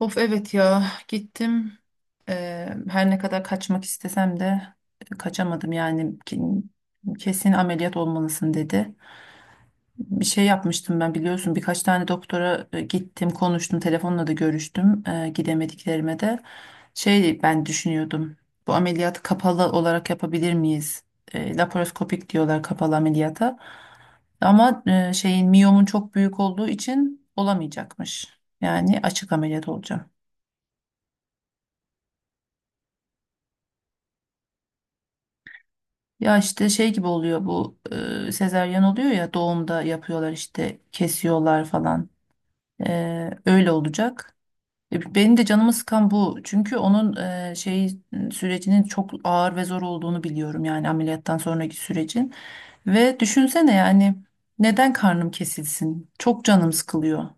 Of evet ya gittim. Her ne kadar kaçmak istesem de kaçamadım yani kesin ameliyat olmalısın dedi. Bir şey yapmıştım ben biliyorsun, birkaç tane doktora gittim, konuştum, telefonla da görüştüm gidemediklerime de. Şey, ben düşünüyordum, bu ameliyatı kapalı olarak yapabilir miyiz? Laparoskopik diyorlar kapalı ameliyata, ama e, şeyin miyomun çok büyük olduğu için olamayacakmış. Yani açık ameliyat olacağım. Ya işte şey gibi oluyor bu, sezaryen oluyor ya doğumda, yapıyorlar işte, kesiyorlar falan. Öyle olacak. Benim de canımı sıkan bu. Çünkü onun e, şey sürecinin çok ağır ve zor olduğunu biliyorum, yani ameliyattan sonraki sürecin. Ve düşünsene yani, neden karnım kesilsin? Çok canım sıkılıyor.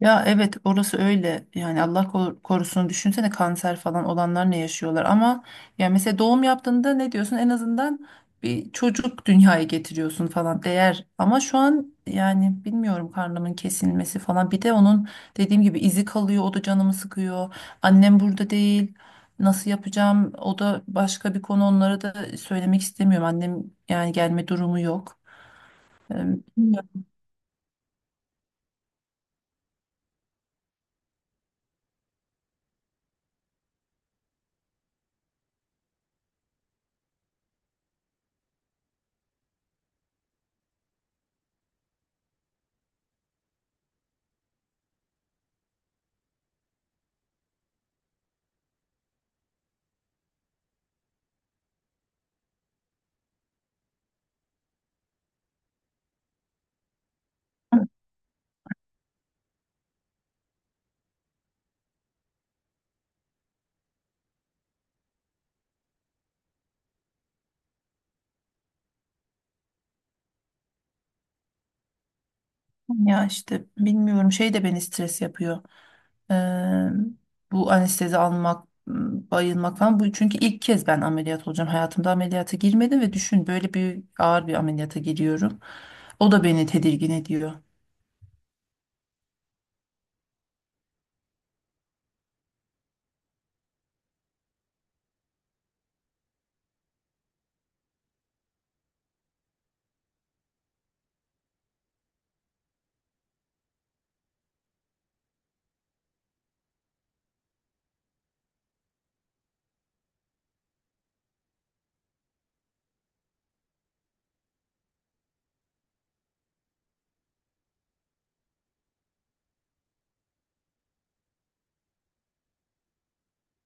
Ya evet, orası öyle yani. Allah korusun, düşünsene kanser falan olanlar ne yaşıyorlar. Ama ya mesela doğum yaptığında ne diyorsun, en azından bir çocuk dünyaya getiriyorsun falan, değer. Ama şu an yani bilmiyorum, karnımın kesilmesi falan, bir de onun dediğim gibi izi kalıyor, o da canımı sıkıyor. Annem burada değil, nasıl yapacağım, o da başka bir konu. Onlara da söylemek istemiyorum, annem yani gelme durumu yok. Ee, Bilmiyorum. Ya işte bilmiyorum, şey de beni stres yapıyor. Eee, Bu anestezi almak, bayılmak falan. Bu çünkü ilk kez ben ameliyat olacağım. Hayatımda ameliyata girmedim ve düşün, böyle bir ağır bir ameliyata giriyorum. O da beni tedirgin ediyor.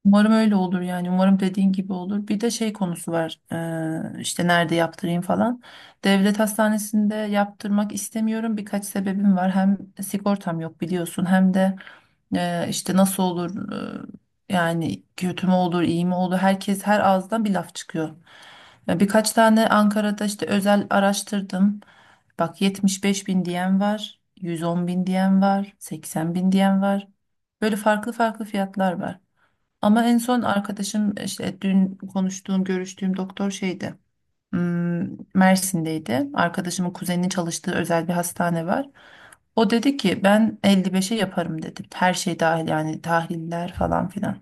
Umarım öyle olur yani. Umarım dediğin gibi olur. Bir de şey konusu var. İşte nerede yaptırayım falan. Devlet hastanesinde yaptırmak istemiyorum. Birkaç sebebim var. Hem sigortam yok biliyorsun. Hem de işte nasıl olur, yani kötü mü olur, iyi mi olur? Herkes her ağızdan bir laf çıkıyor. Birkaç tane Ankara'da işte özel araştırdım. Bak, 75 bin diyen var, 110 bin diyen var, 80 bin diyen var. Böyle farklı farklı fiyatlar var. Ama en son arkadaşım işte, dün konuştuğum, görüştüğüm doktor şeydi, hmm, Mersin'deydi. Arkadaşımın kuzeninin çalıştığı özel bir hastane var. O dedi ki ben 55'e yaparım dedi. Her şey dahil, yani tahliller falan filan.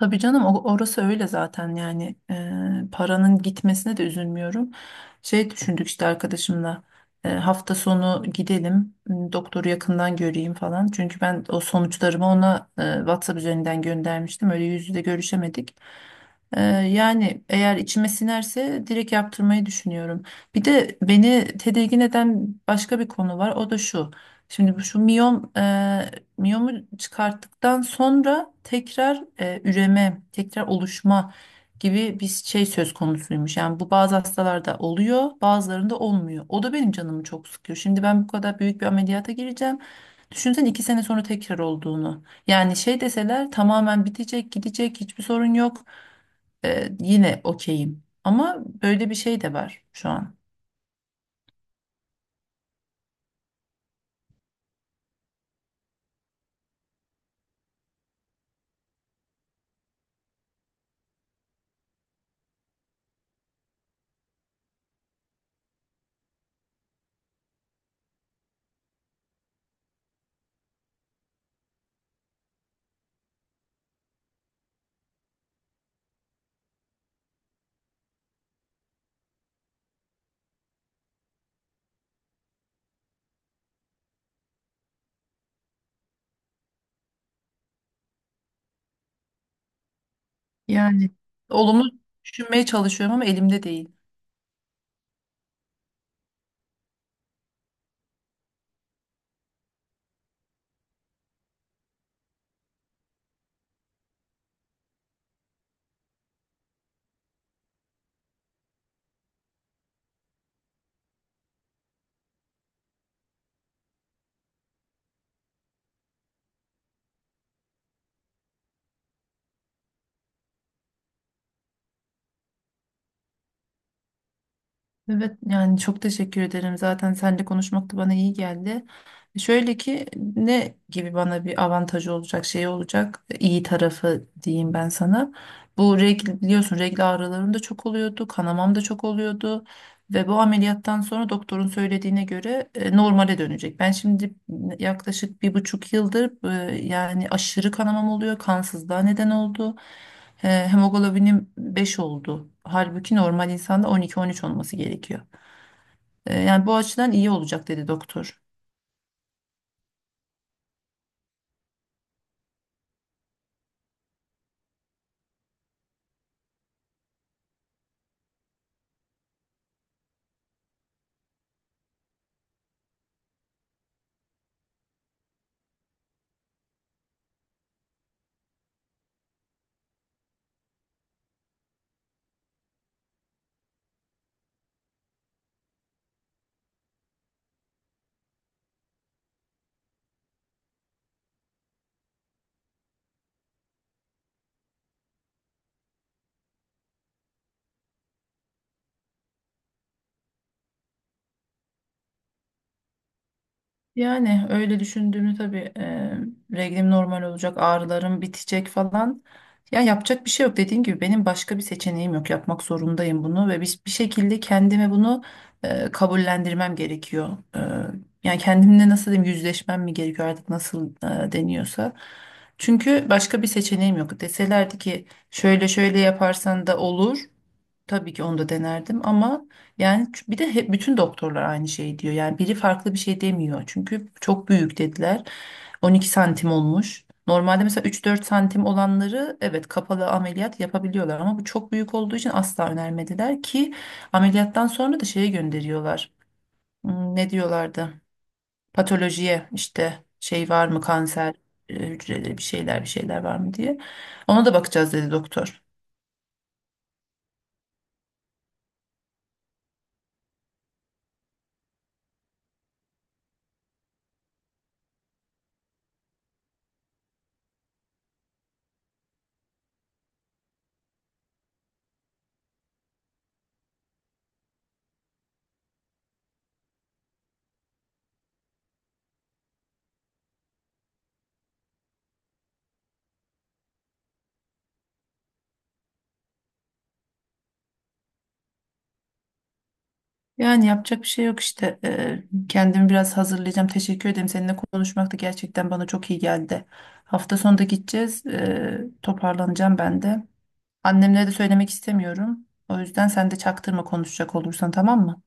Tabii canım, orası öyle zaten yani. Paranın gitmesine de üzülmüyorum. Şey düşündük işte arkadaşımla, hafta sonu gidelim, doktoru yakından göreyim falan. Çünkü ben o sonuçlarımı ona WhatsApp üzerinden göndermiştim, öyle yüz yüze görüşemedik. Yani eğer içime sinerse direkt yaptırmayı düşünüyorum. Bir de beni tedirgin eden başka bir konu var, o da şu. Şimdi şu miyomu çıkarttıktan sonra tekrar üreme, tekrar oluşma gibi bir şey söz konusuymuş. Yani bu bazı hastalarda oluyor, bazılarında olmuyor. O da benim canımı çok sıkıyor. Şimdi ben bu kadar büyük bir ameliyata gireceğim. Düşünsen 2 sene sonra tekrar olduğunu. Yani şey deseler, tamamen bitecek, gidecek, hiçbir sorun yok. Yine okeyim. Ama böyle bir şey de var şu an. Yani olumlu düşünmeye çalışıyorum ama elimde değil. Evet yani, çok teşekkür ederim. Zaten seninle konuşmak da bana iyi geldi. Şöyle ki, ne gibi bana bir avantajı olacak, şey olacak, iyi tarafı diyeyim ben sana. Bu regl biliyorsun, regl ağrılarım da çok oluyordu, kanamam da çok oluyordu. Ve bu ameliyattan sonra doktorun söylediğine göre normale dönecek. Ben şimdi yaklaşık 1,5 yıldır yani aşırı kanamam oluyor. Kansızlığa neden oldu. Hemoglobinim 5 oldu. Halbuki normal insanda 12-13 olması gerekiyor. Yani bu açıdan iyi olacak dedi doktor. Yani öyle düşündüğümü tabii, reglim normal olacak, ağrılarım bitecek falan. Ya yapacak bir şey yok, dediğim gibi benim başka bir seçeneğim yok. Yapmak zorundayım bunu ve bir şekilde kendime bunu kabullendirmem gerekiyor. Yani kendimle nasıl diyeyim, yüzleşmem mi gerekiyor artık, nasıl deniyorsa. Çünkü başka bir seçeneğim yok. Deselerdi ki şöyle şöyle yaparsan da olur, tabii ki onu da denerdim. Ama yani bir de hep bütün doktorlar aynı şey diyor. Yani biri farklı bir şey demiyor. Çünkü çok büyük dediler. 12 santim olmuş. Normalde mesela 3-4 santim olanları evet, kapalı ameliyat yapabiliyorlar, ama bu çok büyük olduğu için asla önermediler ki. Ameliyattan sonra da şeye gönderiyorlar. Ne diyorlardı? Patolojiye işte, şey var mı kanser hücreleri, bir şeyler bir şeyler var mı diye. Ona da bakacağız dedi doktor. Yani yapacak bir şey yok işte. Kendimi biraz hazırlayacağım. Teşekkür ederim. Seninle konuşmak da gerçekten bana çok iyi geldi. Hafta sonunda gideceğiz. Toparlanacağım ben de. Annemlere de söylemek istemiyorum. O yüzden sen de çaktırma konuşacak olursan, tamam mı?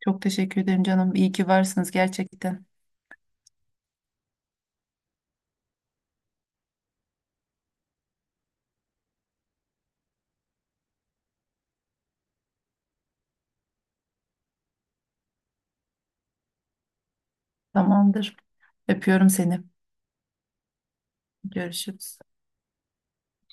Çok teşekkür ederim canım. İyi ki varsınız gerçekten. Tamamdır. Öpüyorum seni. Görüşürüz.